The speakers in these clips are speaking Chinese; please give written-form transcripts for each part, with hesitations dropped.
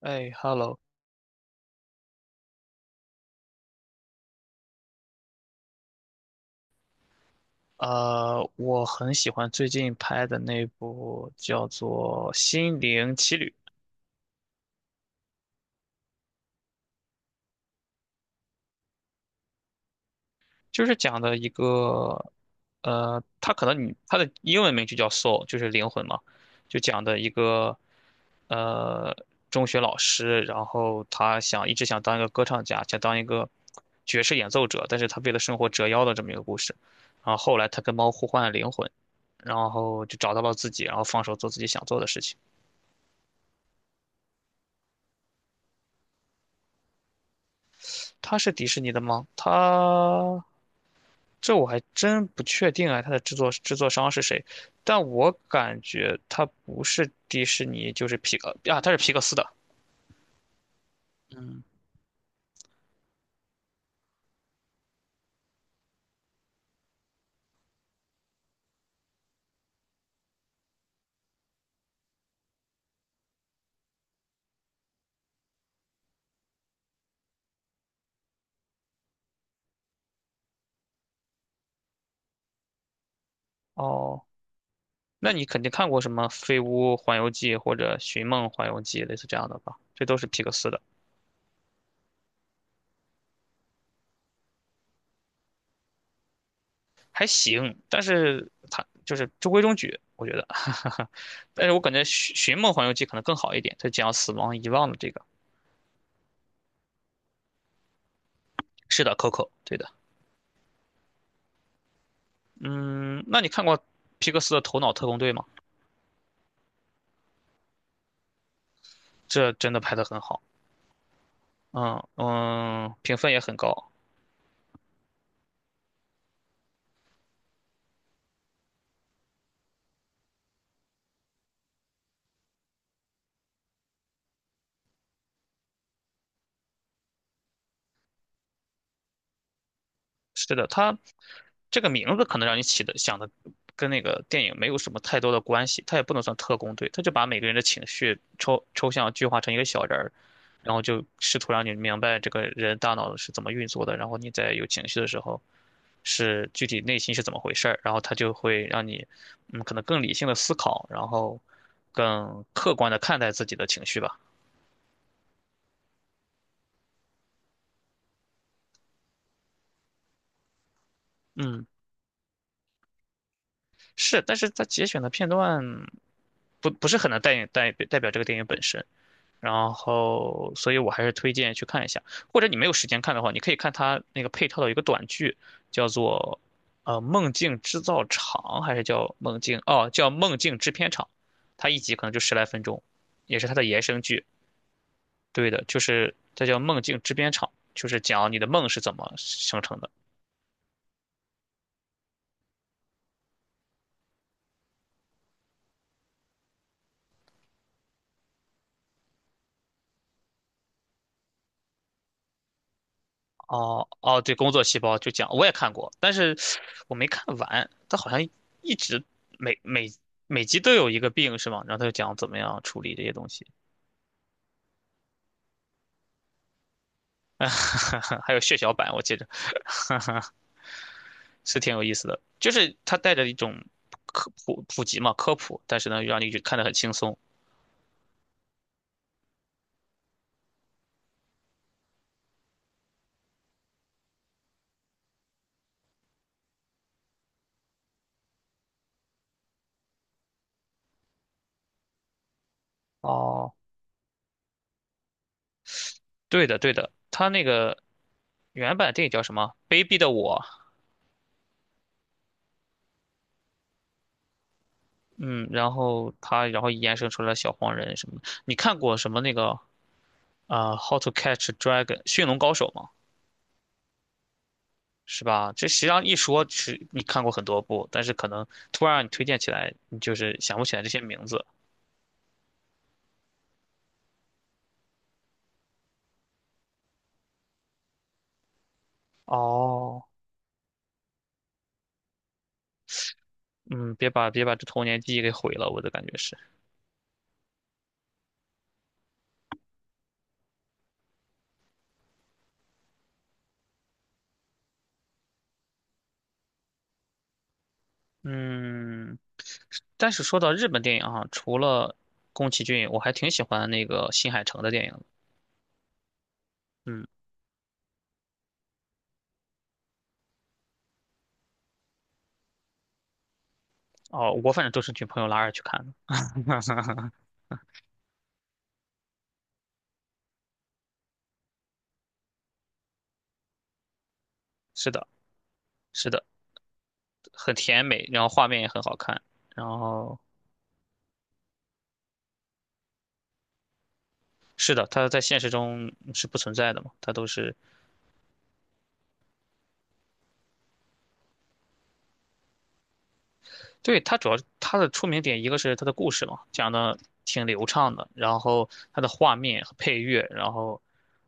哎，Hello，我很喜欢最近拍的那部叫做《心灵奇旅》，就是讲的一个，它可能你它的英文名就叫 Soul，就是灵魂嘛，就讲的一个呃中学老师，然后他想一直想当一个歌唱家，想当一个爵士演奏者，但是他为了生活折腰的这么一个故事，然后后来他跟猫互换了灵魂，然后就找到了自己，然后放手做自己想做的事情。它是迪士尼的吗？这我还真不确定啊，它的制作商是谁？但我感觉它不是迪士尼，就是皮克啊，它是皮克斯的。嗯，哦，那你肯定看过什么《飞屋环游记》或者《寻梦环游记》类似这样的吧？这都是皮克斯的，还行，但是它就是中规中矩，我觉得。但是我感觉《寻梦环游记》可能更好一点，它讲死亡遗忘的这个。是的，Coco,对的。嗯，那你看过皮克斯的《头脑特工队》吗？这真的拍得很好，嗯嗯，评分也很高。是的，他这个名字可能让你起的想的跟那个电影没有什么太多的关系，他也不能算特工队，他就把每个人的情绪抽象具化成一个小人儿，然后就试图让你明白这个人大脑是怎么运作的，然后你在有情绪的时候是具体内心是怎么回事儿，然后他就会让你嗯可能更理性的思考，然后更客观的看待自己的情绪吧。嗯，是，但是它节选的片段不是很能代表这个电影本身。然后，所以我还是推荐去看一下，或者你没有时间看的话，你可以看他那个配套的一个短剧，叫做《梦境制造厂》，还是叫《梦境》哦，叫《梦境制片厂》，它一集可能就十来分钟，也是它的延伸剧。对的，就是它叫《梦境制片厂》，就是讲你的梦是怎么生成的。哦哦，对，工作细胞就讲我也看过，但是我没看完，它好像一直每每每集都有一个病是吗？然后他就讲怎么样处理这些东西。还有血小板，我记着是挺有意思的，就是它带着一种科普普及嘛，科普，但是呢，让你看得很轻松。哦，对的，对的，它那个原版电影叫什么？《卑鄙的我》。嗯，然后它然后延伸出来小黄人什么的。你看过什么那个啊，How to Catch a Dragon》驯龙高手》吗？是吧？这实际上一说是你看过很多部，但是可能突然让你推荐起来，你就是想不起来这些名字。哦。嗯，别把这童年记忆给毁了，我的感觉是，嗯，但是说到日本电影啊，除了宫崎骏，我还挺喜欢那个新海诚的电影的嗯，哦，我反正都是女朋友拉着去看的，是的，是的，很甜美，然后画面也很好看，然后是的，它在现实中是不存在的嘛，它都是对，它主要它的出名点，一个是它的故事嘛，讲的挺流畅的，然后它的画面和配乐，然后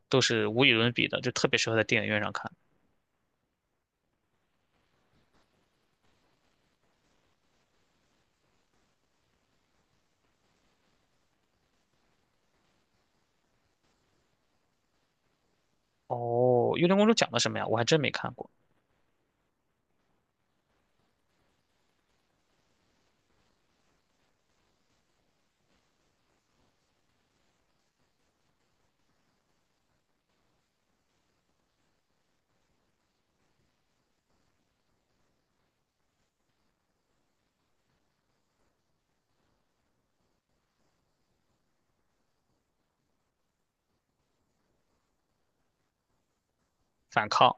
都是无与伦比的，就特别适合在电影院上看。哦，《幽灵公主》讲的什么呀？我还真没看过。反抗。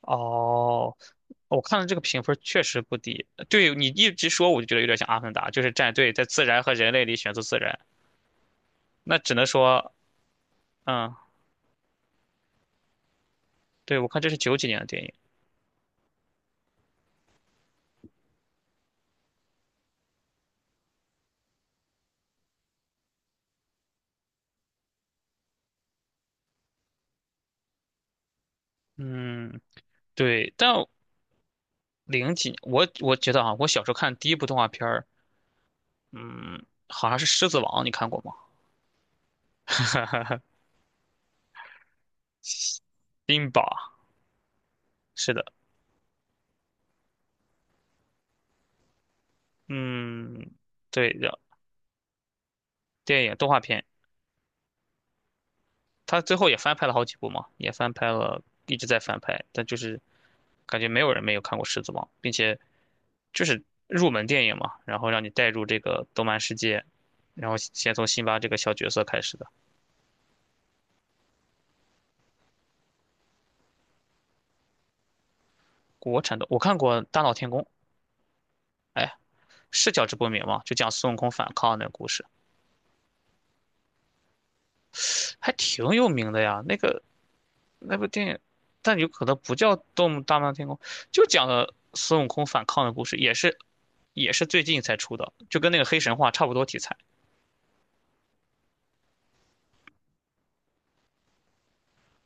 哦，我看了这个评分确实不低。对你一直说，我就觉得有点像《阿凡达》，就是战队在自然和人类里选择自然。那只能说，嗯，对，我看这是九几年的电影。嗯，对，但零几，我我觉得啊，我小时候看第一部动画片儿。嗯，好像是《狮子王》，你看过吗？冰雹，是的，嗯，对的，电影动画片，它最后也翻拍了好几部嘛，也翻拍了，一直在翻拍，但就是感觉没有人没有看过《狮子王》，并且就是入门电影嘛，然后让你带入这个动漫世界，然后先从辛巴这个小角色开始的。国产的我看过《大闹天宫》，哎，是叫《直播名》吗？就讲孙悟空反抗那个故事，还挺有名的呀。那个那部电影，但有可能不叫《动物大闹天宫》，就讲了孙悟空反抗的故事，也是最近才出的，就跟那个黑神话差不多题材。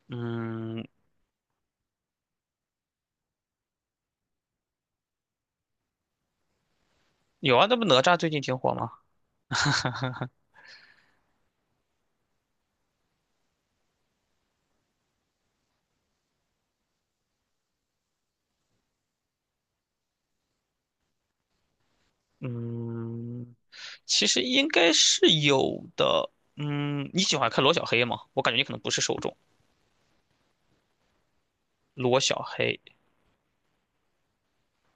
嗯，有啊，那不哪吒最近挺火吗？嗯，其实应该是有的。嗯，你喜欢看罗小黑吗？我感觉你可能不是受众。罗小黑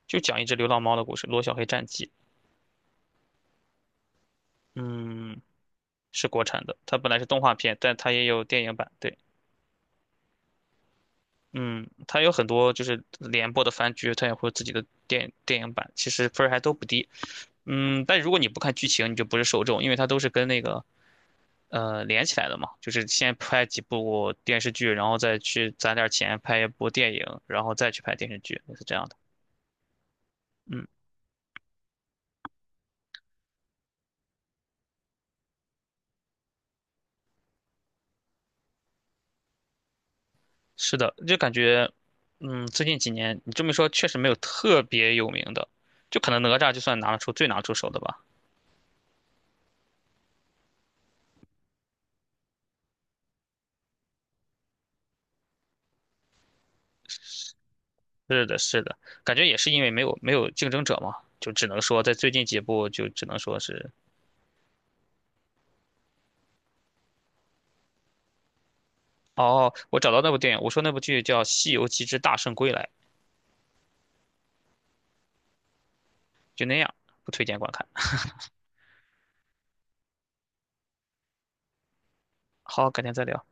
就讲一只流浪猫的故事，《罗小黑战记》。嗯，是国产的，它本来是动画片，但它也有电影版。对。嗯，它有很多就是连播的番剧，它也会有自己的电影版，其实分儿还都不低。嗯，但如果你不看剧情，你就不是受众，因为它都是跟那个呃连起来的嘛，就是先拍几部电视剧，然后再去攒点儿钱拍一部电影，然后再去拍电视剧，是这样的。嗯，是的，就感觉，嗯，最近几年你这么一说，确实没有特别有名的，就可能哪吒就算拿得出最拿得出手的吧。是的，是的，感觉也是因为没有竞争者嘛，就只能说在最近几部就只能说是，哦，我找到那部电影，我说那部剧叫《西游记之大圣归来》，就那样，不推荐观看。好，改天再聊。